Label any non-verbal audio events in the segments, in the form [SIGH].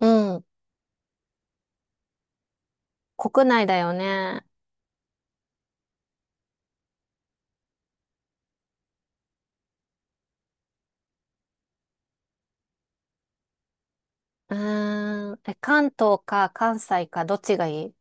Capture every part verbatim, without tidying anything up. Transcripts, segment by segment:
うん。国内だよね。うーん。え、関東か関西かどっちがいい？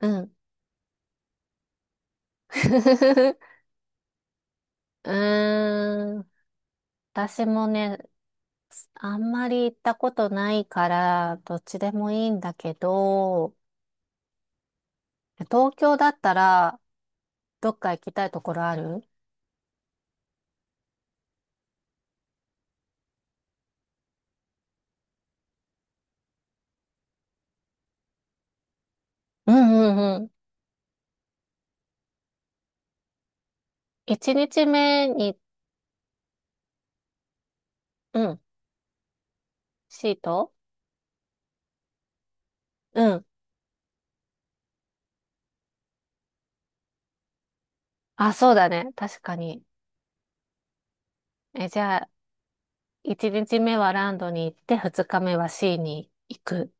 うん。[LAUGHS] うーん。私もね、あんまり行ったことないから、どっちでもいいんだけど、東京だったら、どっか行きたいところある？うんうんうん。一日目に、うん。シートうん。あ、そうだね。確かに。え、じゃあ、一日目はランドに行って、ふつかめはシーに行く。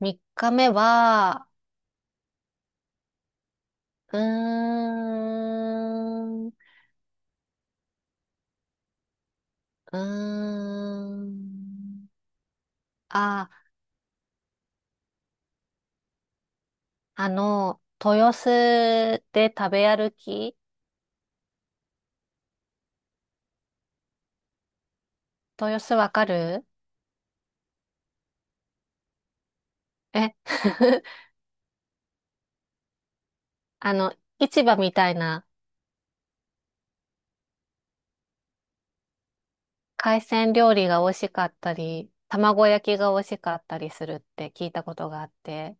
みっかめは、うーん、うーん、あ、あの、豊洲で食べ歩き。豊洲わかる？え [LAUGHS] あの、市場みたいな。海鮮料理が美味しかったり、卵焼きが美味しかったりするって聞いたことがあって、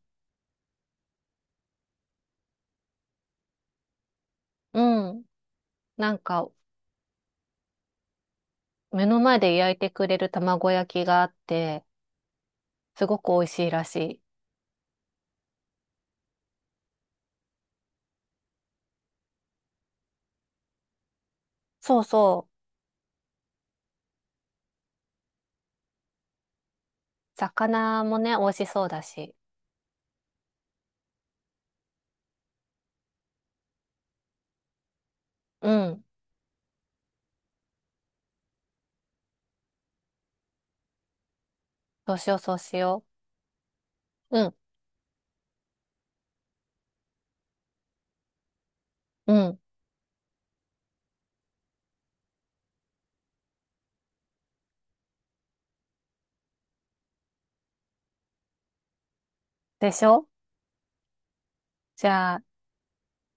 うん、なんか、目の前で焼いてくれる卵焼きがあって、すごく美味しいらしい。そうそう。魚もね、美味しそうだし。うん。そうしよう、そうしよう。うん、うん。でしょ？じゃあ、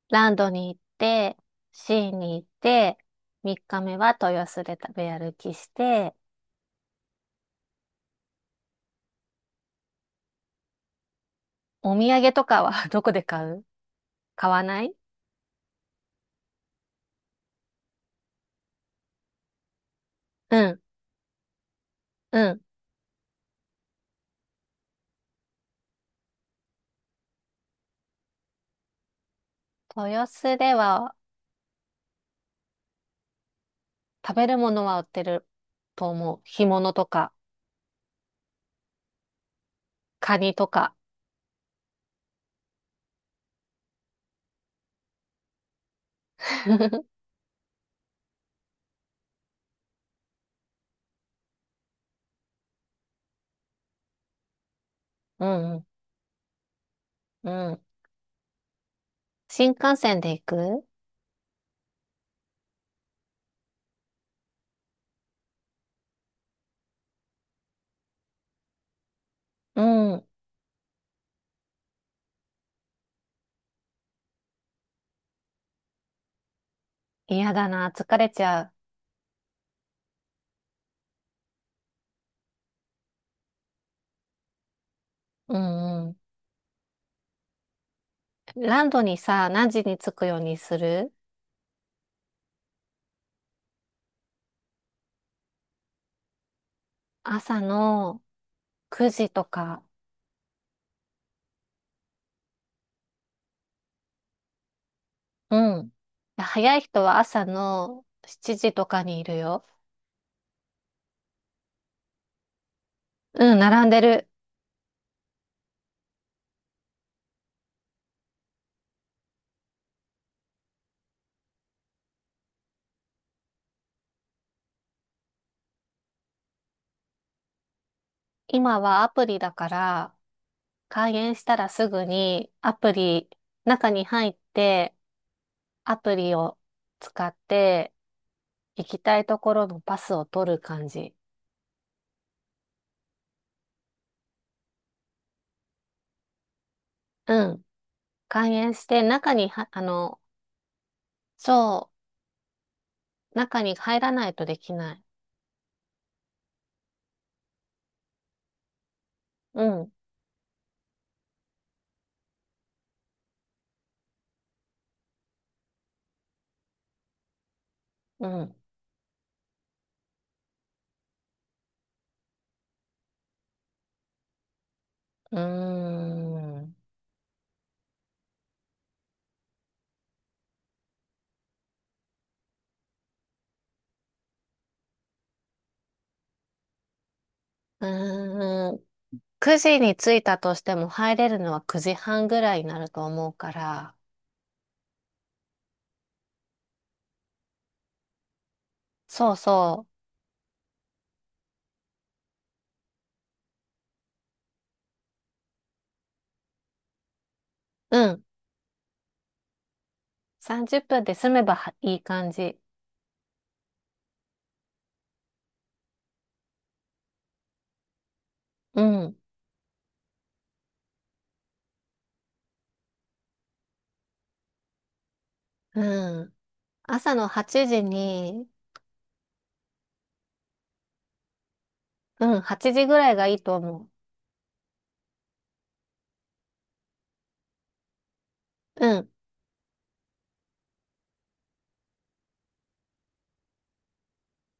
ランドに行って、シーに行って、みっかめは豊洲で食べ歩きして、お土産とかは [LAUGHS] どこで買う？買わない？うん、うん。豊洲では食べるものは売ってると思う。干物とか、カニとか。[LAUGHS] うん、うん、うん。新幹線で行く？うん。嫌だな、疲れちゃう。うん。ランドにさ、何時に着くようにする？朝のくじとか。うん。早い人は朝のしちじとかにいるよ。うん、並んでる。今はアプリだから、開園したらすぐにアプリ、中に入って、アプリを使って、行きたいところのパスを取る感じ。うん。開園して、中には、あの、そう、中に入らないとできない。うん、うん。うーん。うーん。くじに着いたとしても入れるのはくじはんぐらいになると思うから。そうそう。うん。さんじゅっぷんで済めばはいい感じ。うん。うん。朝のはちじに、うん、はちじぐらいがいいと思う。うん。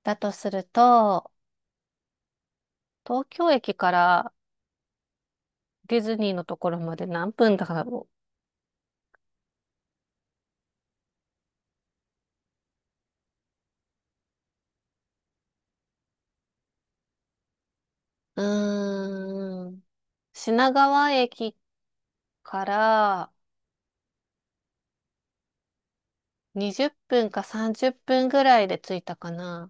だとすると、東京駅からディズニーのところまで何分だろう。うーん。品川駅から、にじゅっぷんかさんじゅっぷんぐらいで着いたかな。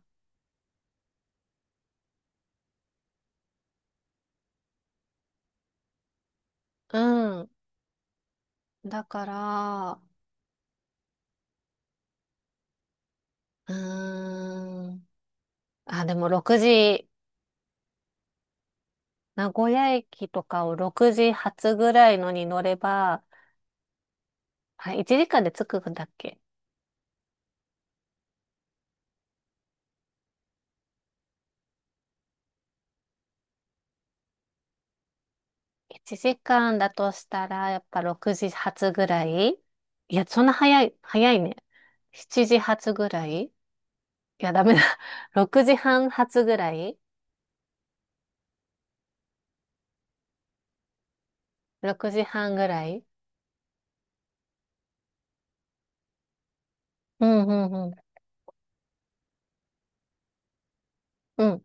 うん。だから、うーん。あ、でもろくじ、名古屋駅とかをろくじ発ぐらいのに乗れば、あ、いちじかんで着くんだっけ？ いち 時間だとしたら、やっぱろくじ発ぐらい。いや、そんな早い、早いね。しちじ発ぐらい。いや、ダメだ。[LAUGHS] ろくじはん発ぐらい。 ろく 時半ぐらい。うん、うん、うん。うん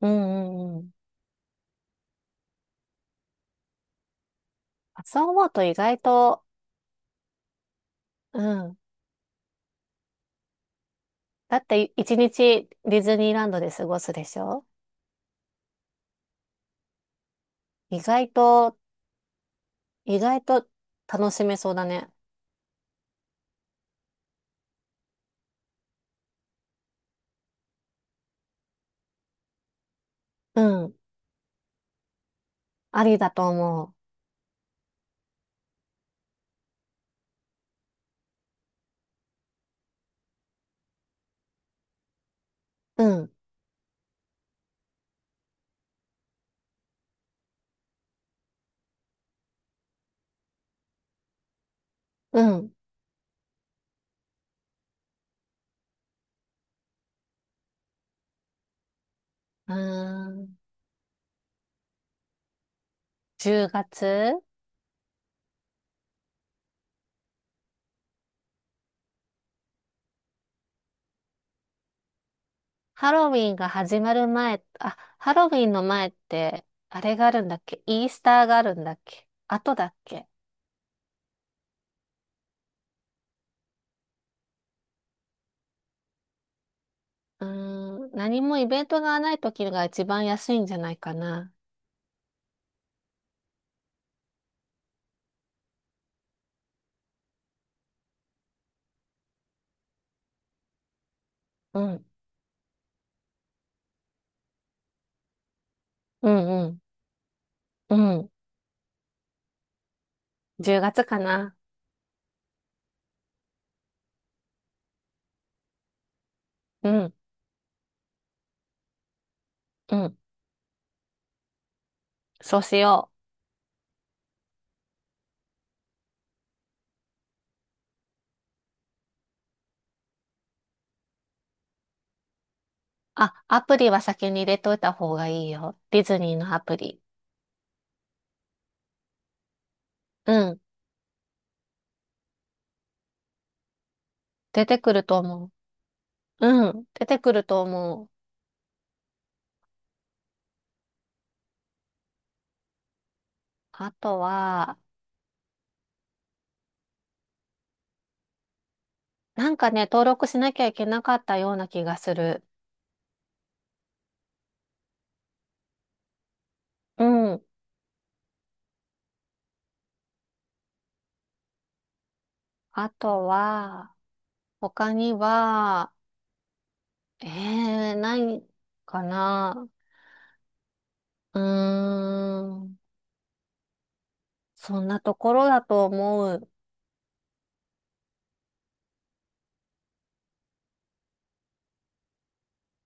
うんうん。発音ボート意外と、うん。だって一日ディズニーランドで過ごすでしょ？意外と、意外と楽しめそうだね。うん。ありだと思う。うん。うん。うーん。じゅうがつ。ハロウィンが始まる前、あ、ハロウィンの前って、あれがあるんだっけ？イースターがあるんだっけ？後だっけ？うーん。何もイベントがない時が一番安いんじゃないかな。うん。うんうん。うん。じゅうがつかな。うん、うん。そうしよう。あ、アプリは先に入れといた方がいいよ。ディズニーのアプリ。うん。出てくると思う。うん。出てくると思う。あとは、なんかね、登録しなきゃいけなかったような気がする。うん。あとは、他には、えー、ないかな。うーん。そんなところだと思う。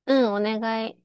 うん、お願い。